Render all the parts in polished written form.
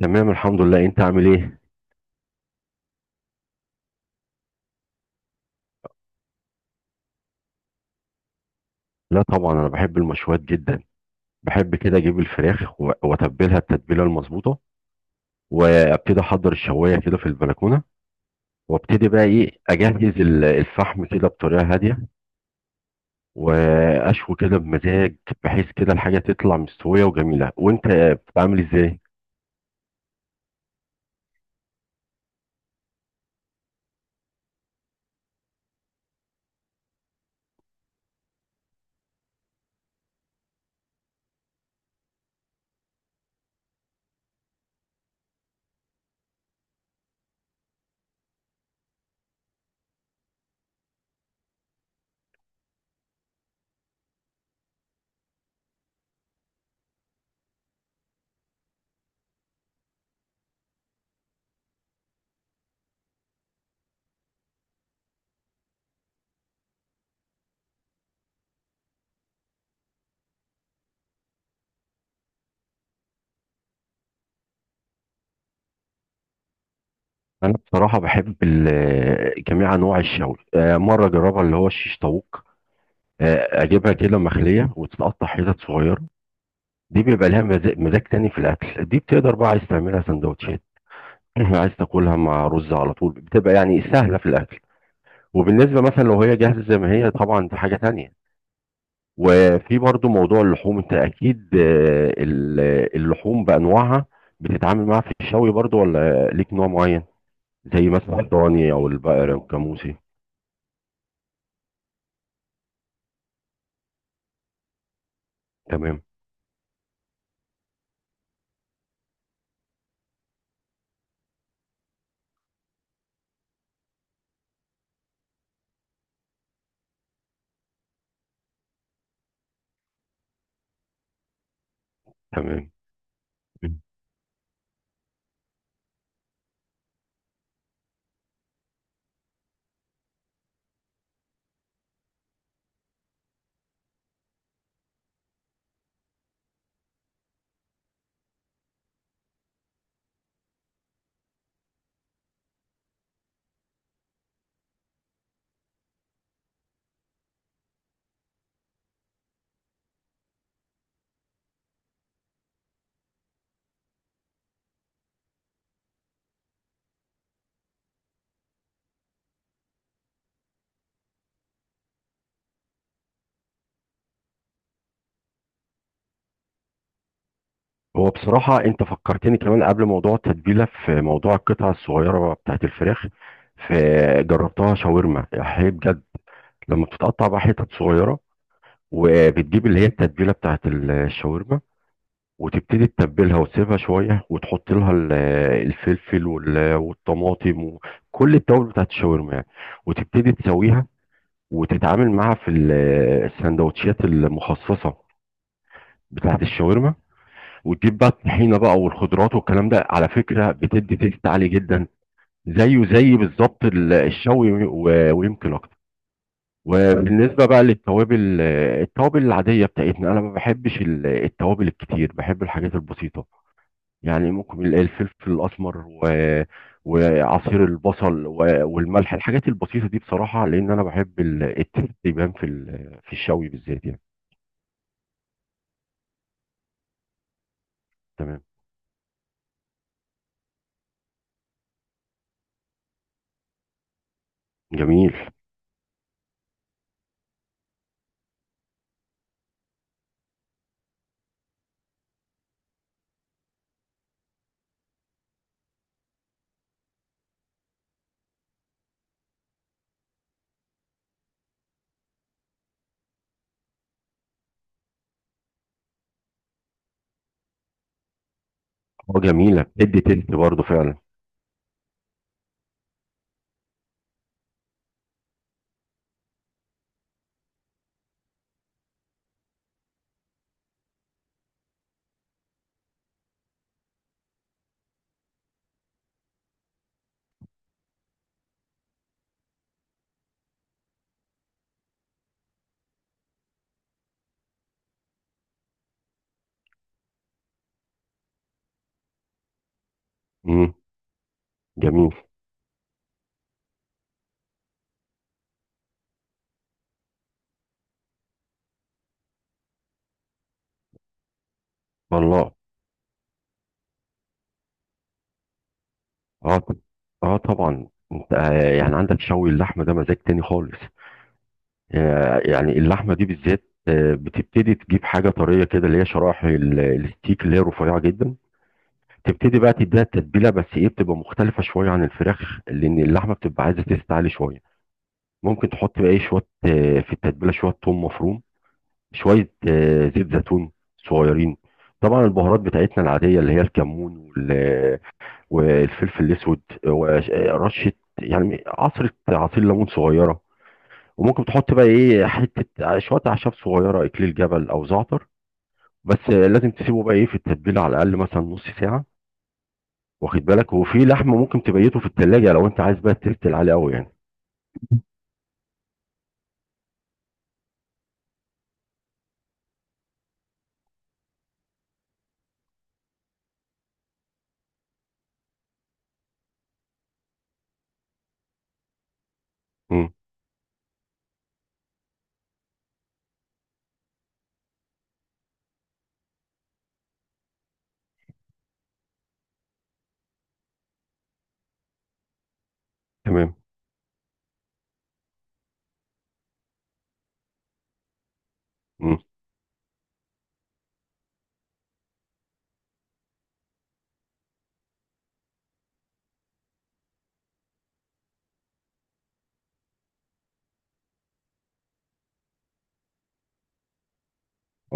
تمام، الحمد لله. انت عامل ايه؟ لا طبعا، انا بحب المشويات جدا. بحب كده اجيب الفراخ واتبلها التتبيله المظبوطه، وابتدي احضر الشوايه كده في البلكونه، وابتدي بقى ايه اجهز الفحم كده بطريقه هاديه، واشوي كده بمزاج، بحيث كده الحاجه تطلع مستويه وجميله. وانت بتعمل ازاي؟ انا بصراحه بحب جميع انواع الشوي. مره اجربها اللي هو الشيش طاووق. اجيبها كده مخليه وتتقطع حتت صغيره، دي بيبقى لها مزاج تاني في الاكل. دي بتقدر بقى عايز تعملها سندوتشات، عايز تاكلها مع رز على طول، بتبقى يعني سهله في الاكل. وبالنسبه مثلا لو هي جاهزه زي ما هي طبعا، دي حاجه تانية. وفي برضو موضوع اللحوم، انت اكيد اللحوم بانواعها بتتعامل معاها في الشوي برضو، ولا ليك نوع معين؟ زي مثلا الضاني او البقري والجاموسي. تمام. تمام. هو بصراحة أنت فكرتني كمان قبل موضوع التتبيلة في موضوع القطع الصغيرة بتاعت الفراخ، فجربتها شاورما هي بجد. لما بتتقطع بقى حتت صغيرة، وبتجيب اللي هي التتبيلة بتاعت الشاورما، وتبتدي تتبلها وتسيبها شوية وتحط لها الفلفل والطماطم وكل التوابل بتاعت الشاورما يعني، وتبتدي تسويها وتتعامل معاها في السندوتشات المخصصة بتاعت الشاورما، وتجيب بقى الطحينه بقى والخضروات والكلام ده. على فكره بتدي تيست عالي جدا، زيه زي بالظبط الشوي ويمكن اكتر. وبالنسبه بقى للتوابل، التوابل العاديه بتاعتنا، انا ما بحبش التوابل الكتير، بحب الحاجات البسيطه. يعني ممكن الفلفل الاسمر و وعصير البصل والملح، الحاجات البسيطه دي بصراحه، لان انا بحب التيست يبان في الشوي بالذات يعني. تمام. جميل. اه جميله، بتدي تيست برضه فعلا. امم. جميل. والله. اه. اه طبعا. انت يعني عندك شوي اللحمه ده مزاج تاني خالص. يعني اللحمه دي بالذات بتبتدي تجيب حاجه طريه كده، اللي هي شرايح الستيك اللي هي رفيعه جدا. تبتدي بقى تديها التتبيله، بس ايه بتبقى مختلفه شويه عن الفراخ، لان اللحمه بتبقى عايزه تستعلي شويه. ممكن تحط بقى ايه شويه في التتبيله، شويه ثوم مفروم، شويه زيت زيتون صغيرين. طبعا البهارات بتاعتنا العاديه اللي هي الكمون والفلفل الاسود، رشه يعني عصره عصير ليمون صغيره، وممكن تحط بقى ايه حته شويه اعشاب صغيره، اكليل جبل او زعتر. بس لازم تسيبه بقى ايه في التتبيله على الاقل مثلا نص ساعه. واخد بالك، وفي لحمه ممكن تبيته في التلاجة لو انت عايز بقى تفتل عليه قوي يعني. امم. تمام. امم.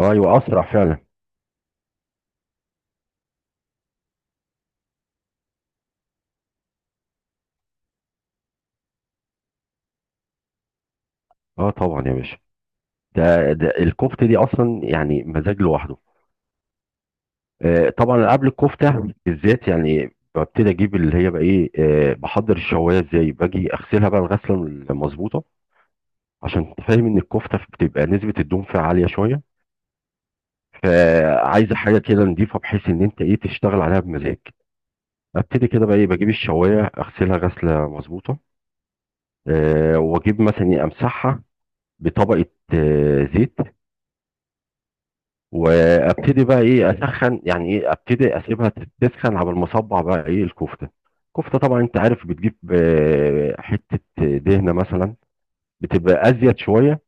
ايوه اسرع فعلا. اه طبعا يا باشا، ده الكفته دي اصلا يعني مزاج لوحده. طبعا قبل الكفته بالذات يعني ببتدي اجيب اللي هي بقى ايه، بحضر الشوايه ازاي. باجي اغسلها بقى الغسله المظبوطه، عشان فاهم ان الكفته بتبقى نسبه الدهون فيها عاليه شويه، فعايزه حاجه كده نضيفه، بحيث ان انت ايه تشتغل عليها بمزاج. ابتدي كده بقى ايه بجيب الشوايه اغسلها غسله مظبوطه. واجيب مثلا امسحها بطبقه زيت، وابتدي بقى ايه اسخن، يعني ايه ابتدي اسيبها تسخن على ما اصبع بقى ايه الكفته. الكفته طبعا انت عارف بتجيب حته دهنه مثلا بتبقى ازيد شويه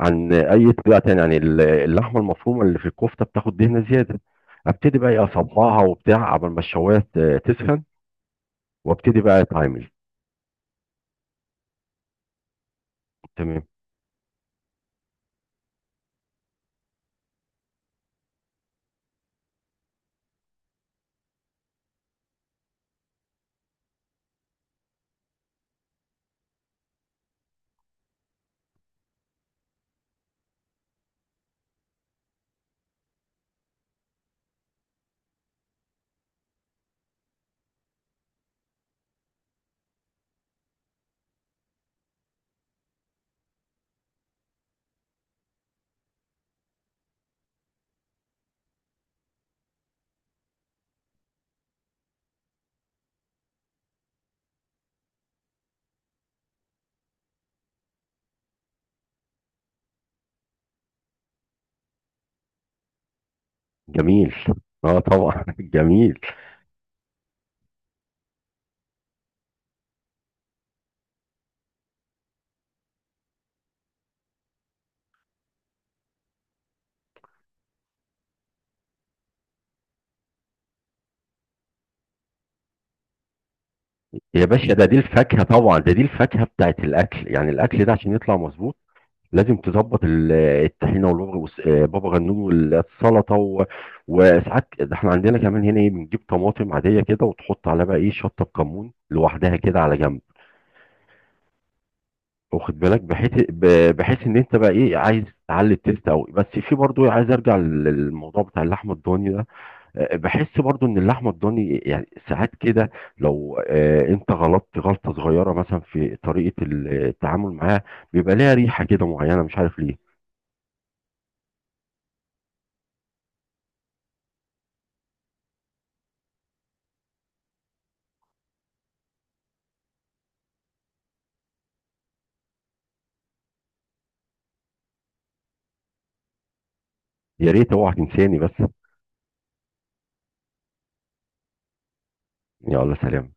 عن اي طريقه تانية، يعني اللحمه المفرومه اللي في الكفته بتاخد دهنه زياده. ابتدي بقى ايه اصبعها وبتاع قبل ما الشوايه تسخن، وابتدي بقى اتعامل. تمام. جميل. اه طبعا جميل. يا باشا، دي الفاكهه طبعا، دي الفاكهه بتاعت الاكل يعني. الاكل ده عشان يطلع مظبوط لازم تظبط الطحينه، والبابا والس- آه، بابا غنوج والسلطه. و... وساعات ده احنا عندنا كمان هنا ايه بنجيب طماطم عاديه كده وتحط عليها بقى ايه شطه بكمون لوحدها كده على جنب. واخد بالك، بحيث بحيث ان انت بقى ايه عايز تعلي التيست قوي. بس في برضو عايز ارجع للموضوع بتاع اللحمه الضاني ده. بحس برضو ان اللحمه الضاني يعني ساعات كده، لو انت غلطت غلطه صغيره مثلا في طريقه التعامل معاها، بيبقى ليها ريحه كده معينه مش عارف ليه. يا ريت اوعى تنساني بس. يلا سلام.